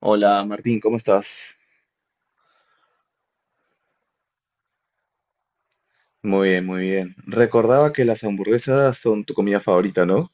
Hola Martín, ¿cómo estás? Muy bien, muy bien. Recordaba que las hamburguesas son tu comida favorita, ¿no?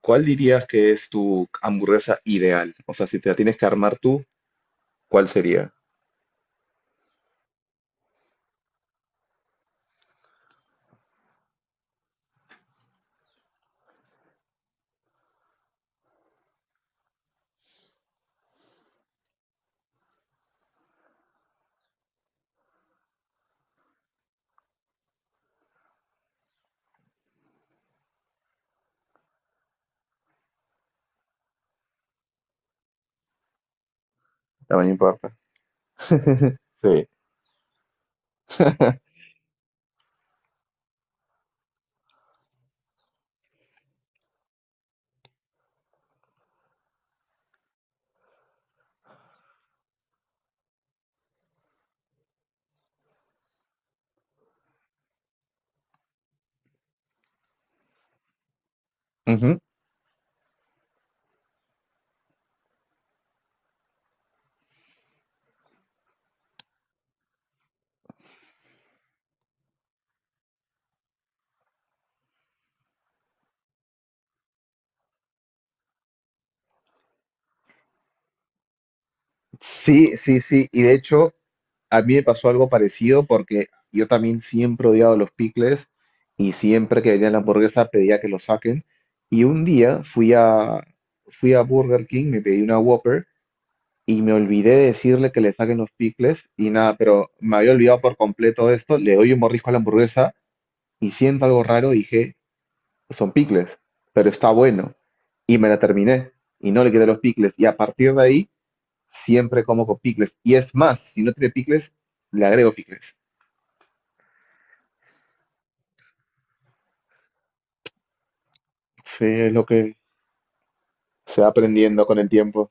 ¿Cuál dirías que es tu hamburguesa ideal? O sea, si te la tienes que armar tú, ¿cuál sería? Tamaño importa. Sí. Ujú. Sí, sí, sí. Y de hecho, a mí me pasó algo parecido porque yo también siempre odiaba los picles y siempre que venía la hamburguesa pedía que lo saquen. Y un día fui a Burger King, me pedí una Whopper y me olvidé de decirle que le saquen los picles y nada, pero me había olvidado por completo de esto. Le doy un mordisco a la hamburguesa y siento algo raro y dije, son picles, pero está bueno. Y me la terminé y no le quedé los picles. Y a partir de ahí, siempre como con picles. Y es más, si no tiene picles, le agrego picles. Sí, es lo que se va aprendiendo con el tiempo.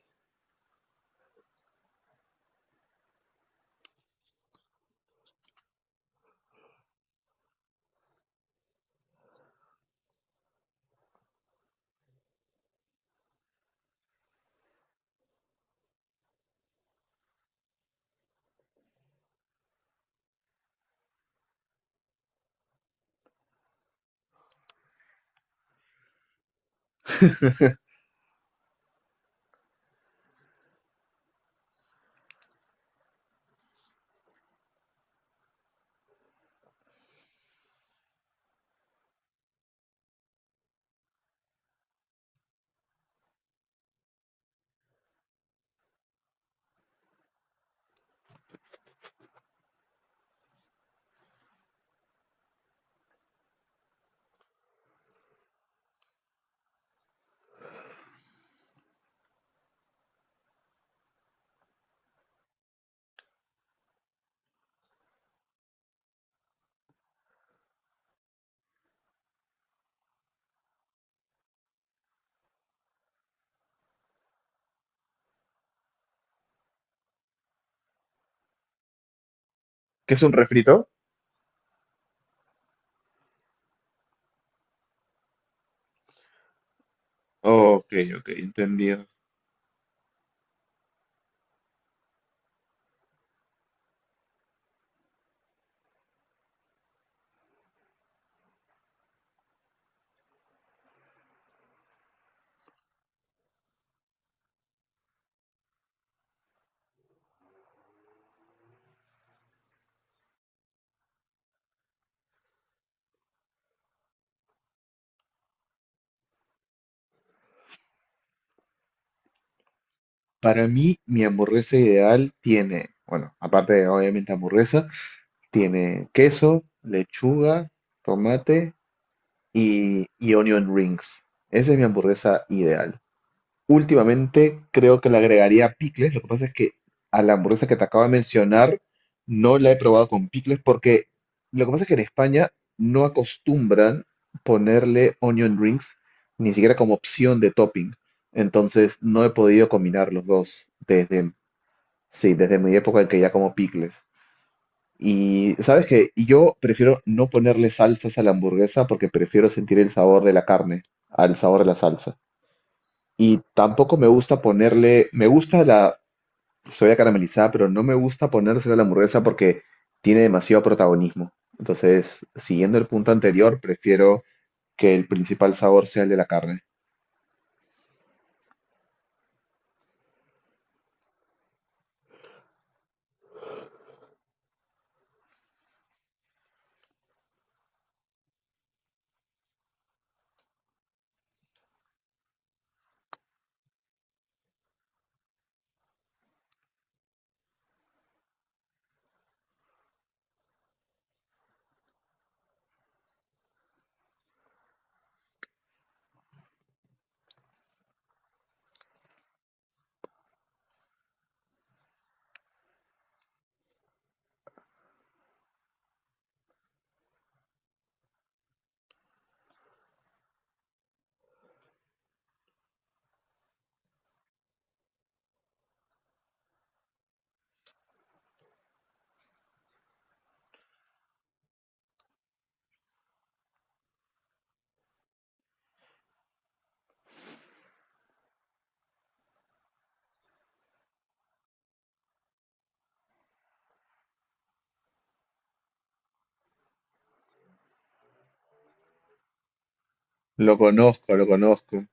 ¿Qué es un refrito? Ok, ok, entendido. Para mí, mi hamburguesa ideal tiene, bueno, aparte de obviamente hamburguesa, tiene queso, lechuga, tomate y onion rings. Esa es mi hamburguesa ideal. Últimamente creo que le agregaría picles. Lo que pasa es que a la hamburguesa que te acabo de mencionar no la he probado con picles porque lo que pasa es que en España no acostumbran ponerle onion rings ni siquiera como opción de topping. Entonces no he podido combinar los dos sí, desde mi época en que ya como picles. Y sabes que yo prefiero no ponerle salsas a la hamburguesa porque prefiero sentir el sabor de la carne al sabor de la salsa. Y tampoco me gusta ponerle, me gusta la soya caramelizada, pero no me gusta ponérsela a la hamburguesa porque tiene demasiado protagonismo. Entonces, siguiendo el punto anterior, prefiero que el principal sabor sea el de la carne. Lo conozco, lo conozco.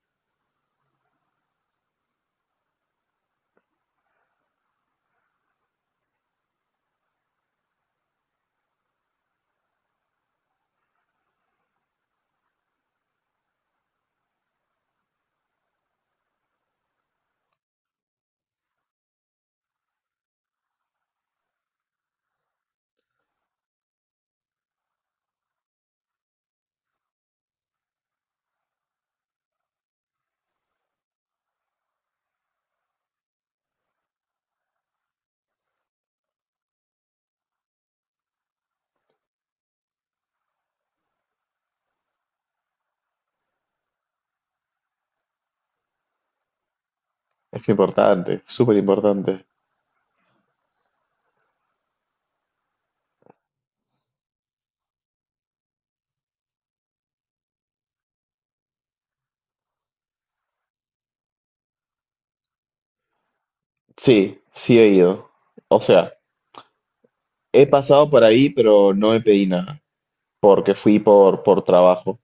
Es importante, súper importante. Sí, sí he ido. O sea, he pasado por ahí, pero no me pedí nada. Porque por trabajo,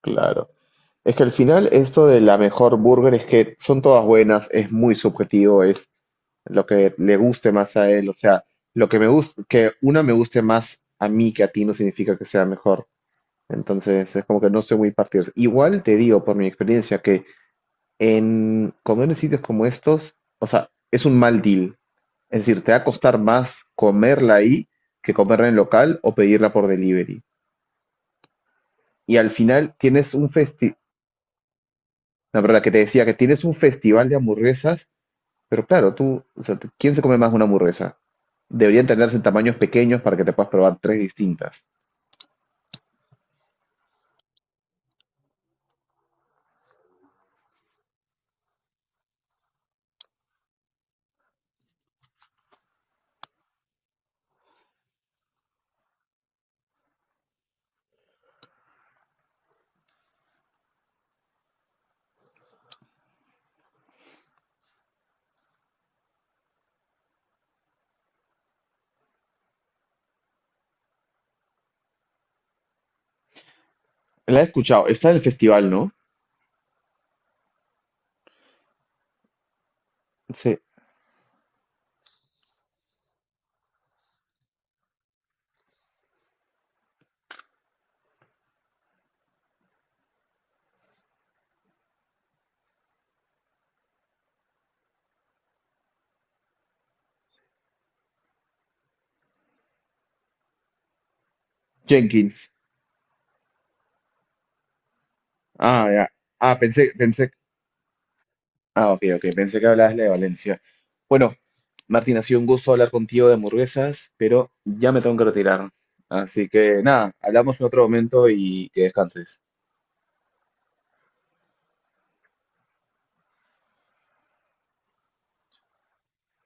claro. Es que al final esto de la mejor burger es que son todas buenas, es muy subjetivo, es lo que le guste más a él, o sea, lo que me gusta, que una me guste más a mí que a ti no significa que sea mejor. Entonces es como que no soy muy partidario. Igual te digo por mi experiencia que en comer en sitios como estos, o sea, es un mal deal. Es decir, te va a costar más comerla ahí que comerla en local o pedirla por delivery. Y al final tienes un festival, la verdad que te decía que tienes un festival de hamburguesas, pero claro, tú, o sea, te- ¿quién se come más una hamburguesa? Deberían tenerse en tamaños pequeños para que te puedas probar tres distintas. La he escuchado, está en el festival, ¿no? Sí. Jenkins. Ah, ya. Ah, pensé. Ah, ok, ok, pensé que hablabas de Valencia. Bueno, Martín, ha sido un gusto hablar contigo de hamburguesas, pero ya me tengo que retirar. Así que nada, hablamos en otro momento y que descanses.